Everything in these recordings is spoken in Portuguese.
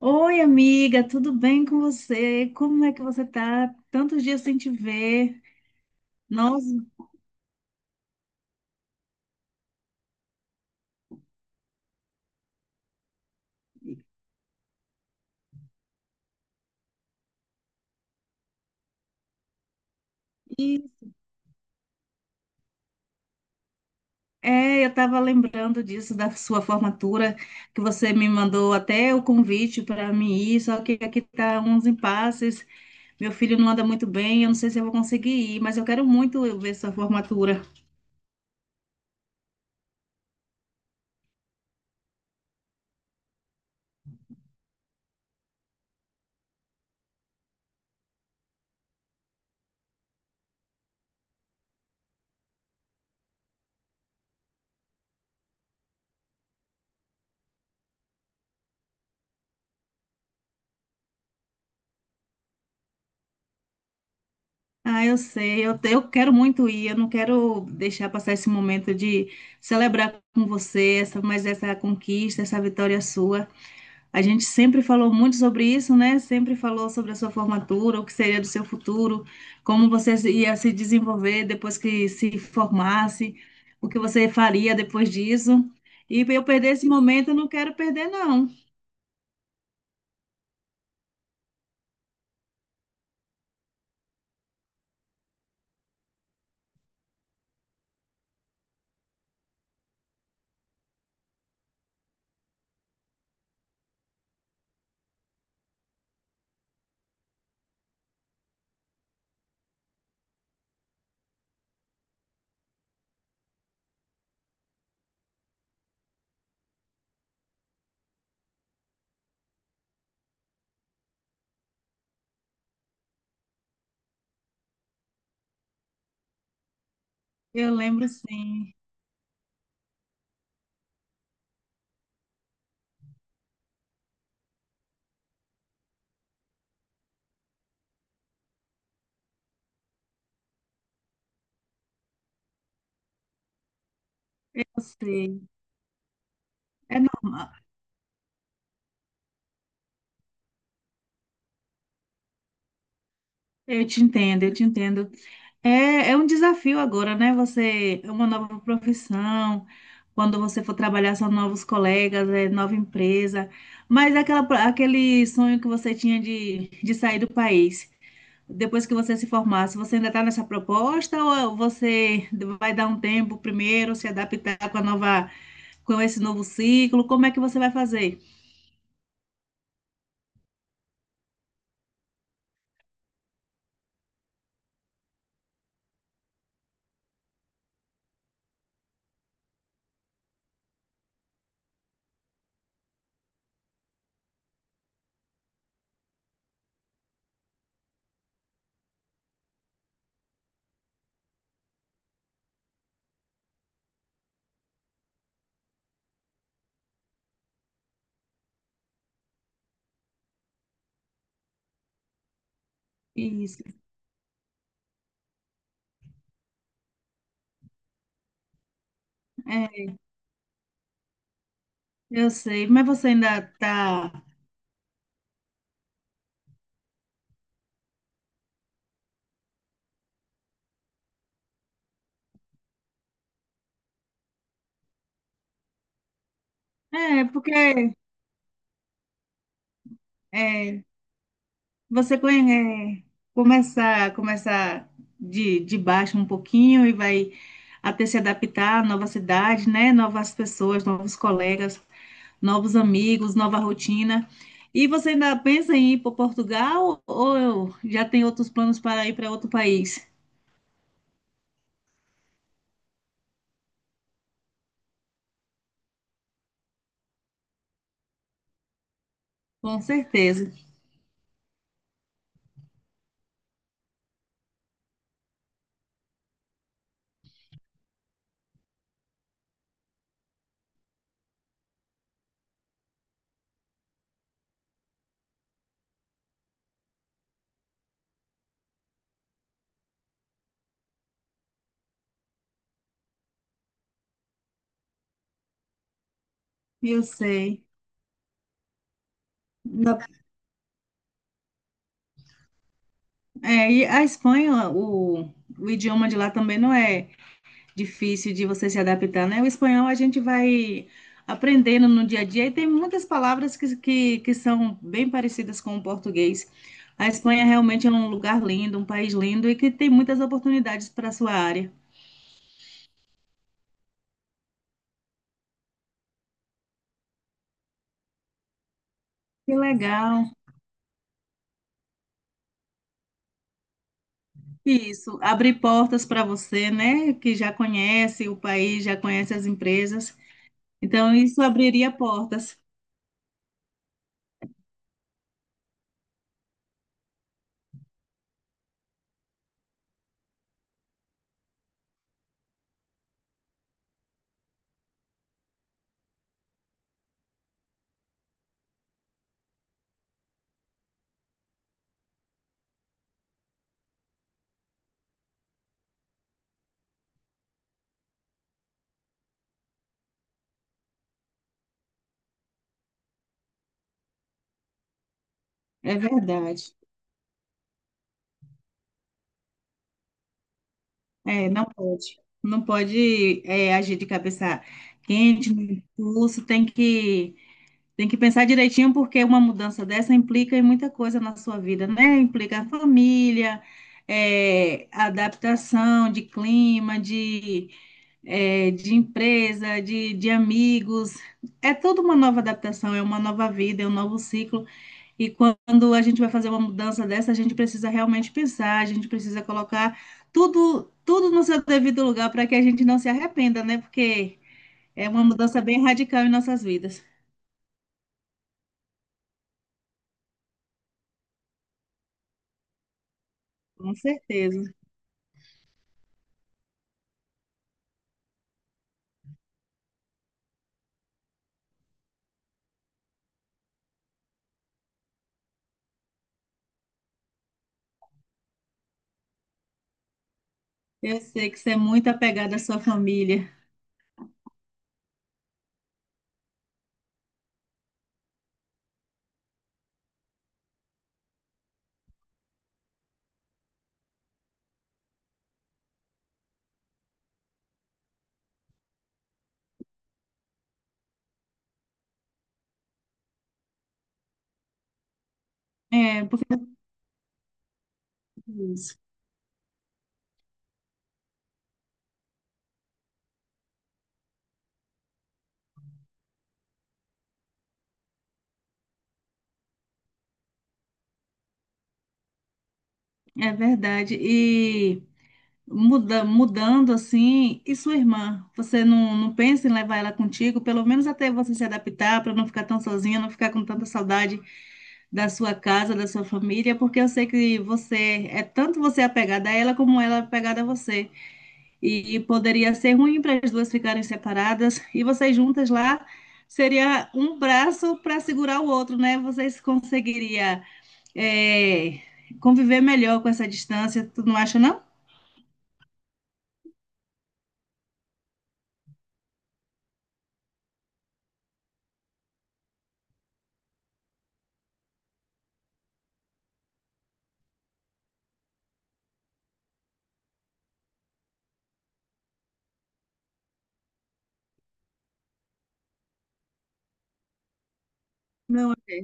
Oi, amiga, tudo bem com você? Como é que você tá? Tantos dias sem te ver. Nossa, e é, eu tava lembrando disso da sua formatura, que você me mandou até o convite para mim ir, só que aqui tá uns impasses. Meu filho não anda muito bem, eu não sei se eu vou conseguir ir, mas eu quero muito eu ver sua formatura. Ah, eu sei, eu quero muito ir, eu não quero deixar passar esse momento de celebrar com você essa, mais essa conquista, essa vitória sua. A gente sempre falou muito sobre isso, né? Sempre falou sobre a sua formatura, o que seria do seu futuro, como você se- ia se desenvolver depois que se formasse, o que você faria depois disso. E pra eu perder esse momento, eu não quero perder, não. Eu lembro, sim, eu sei. É normal. Eu te entendo, eu te entendo. É é um desafio agora, né? Você é uma nova profissão, quando você for trabalhar são novos colegas, é nova empresa, mas é aquela, aquele sonho que você tinha de sair do país, depois que você se formasse, você ainda está nessa proposta ou você vai dar um tempo primeiro, se adaptar com a nova, com esse novo ciclo? Como é que você vai fazer? Isso, é, eu sei, mas você ainda está. É, porque é. É, começa de baixo um pouquinho e vai até se adaptar à nova cidade, né? Novas pessoas, novos colegas, novos amigos, nova rotina. E você ainda pensa em ir para Portugal ou já tem outros planos para ir para outro país? Com certeza, eu sei. Na, é, e a Espanha, o idioma de lá também não é difícil de você se adaptar, né? O espanhol a gente vai aprendendo no dia a dia e tem muitas palavras que são bem parecidas com o português. A Espanha realmente é um lugar lindo, um país lindo e que tem muitas oportunidades para a sua área. Que legal. Isso, abrir portas para você, né? Que já conhece o país, já conhece as empresas. Então, isso abriria portas. É verdade. É, não pode. Não pode, é, agir de cabeça quente, no impulso, tem que pensar direitinho, porque uma mudança dessa implica em muita coisa na sua vida, né? Implica a família, é, adaptação de clima, de, é, de empresa, de amigos. É toda uma nova adaptação, é uma nova vida, é um novo ciclo. E quando a gente vai fazer uma mudança dessa, a gente precisa realmente pensar, a gente precisa colocar tudo no seu devido lugar para que a gente não se arrependa, né? Porque é uma mudança bem radical em nossas vidas. Com certeza. Eu sei que você é muito apegada à sua família. É, porque é verdade. E mudando assim, e sua irmã? Você não pensa em levar ela contigo, pelo menos até você se adaptar, para não ficar tão sozinha, não ficar com tanta saudade da sua casa, da sua família, porque eu sei que você é tanto você apegada a ela como ela é apegada a você. E poderia ser ruim para as duas ficarem separadas, e vocês juntas lá seria um braço para segurar o outro, né? Vocês conseguiria, é, conviver melhor com essa distância, tu não acha, não? Não, é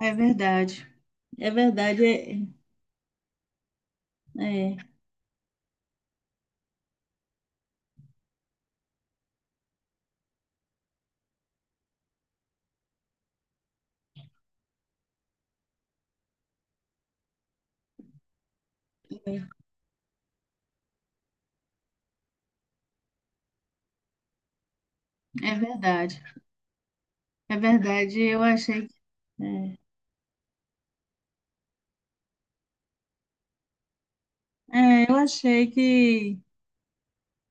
é verdade. É verdade, é, é, é verdade. É verdade, eu achei que. É, é, eu achei que.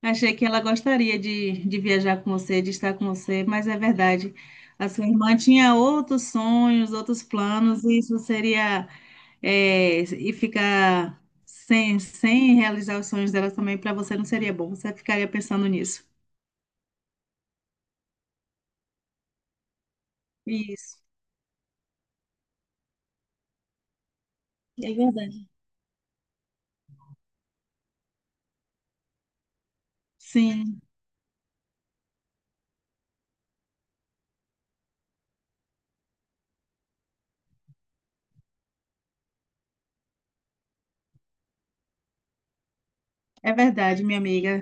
Achei que ela gostaria de viajar com você, de estar com você, mas é verdade. A sua irmã tinha outros sonhos, outros planos, e isso seria, é, e ficar sem, sem realizar os sonhos dela também para você não seria bom. Você ficaria pensando nisso. Isso. É verdade. Sim, é verdade, minha amiga.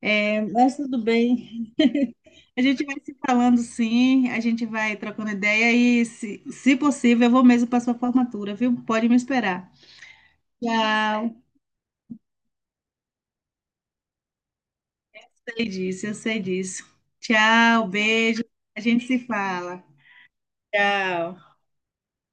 É, mas tudo bem. A gente vai se falando, sim, a gente vai trocando ideia e, se possível, eu vou mesmo para sua formatura, viu? Pode me esperar. Tchau. Sei disso, eu sei disso. Tchau, beijo. A gente se fala. Tchau.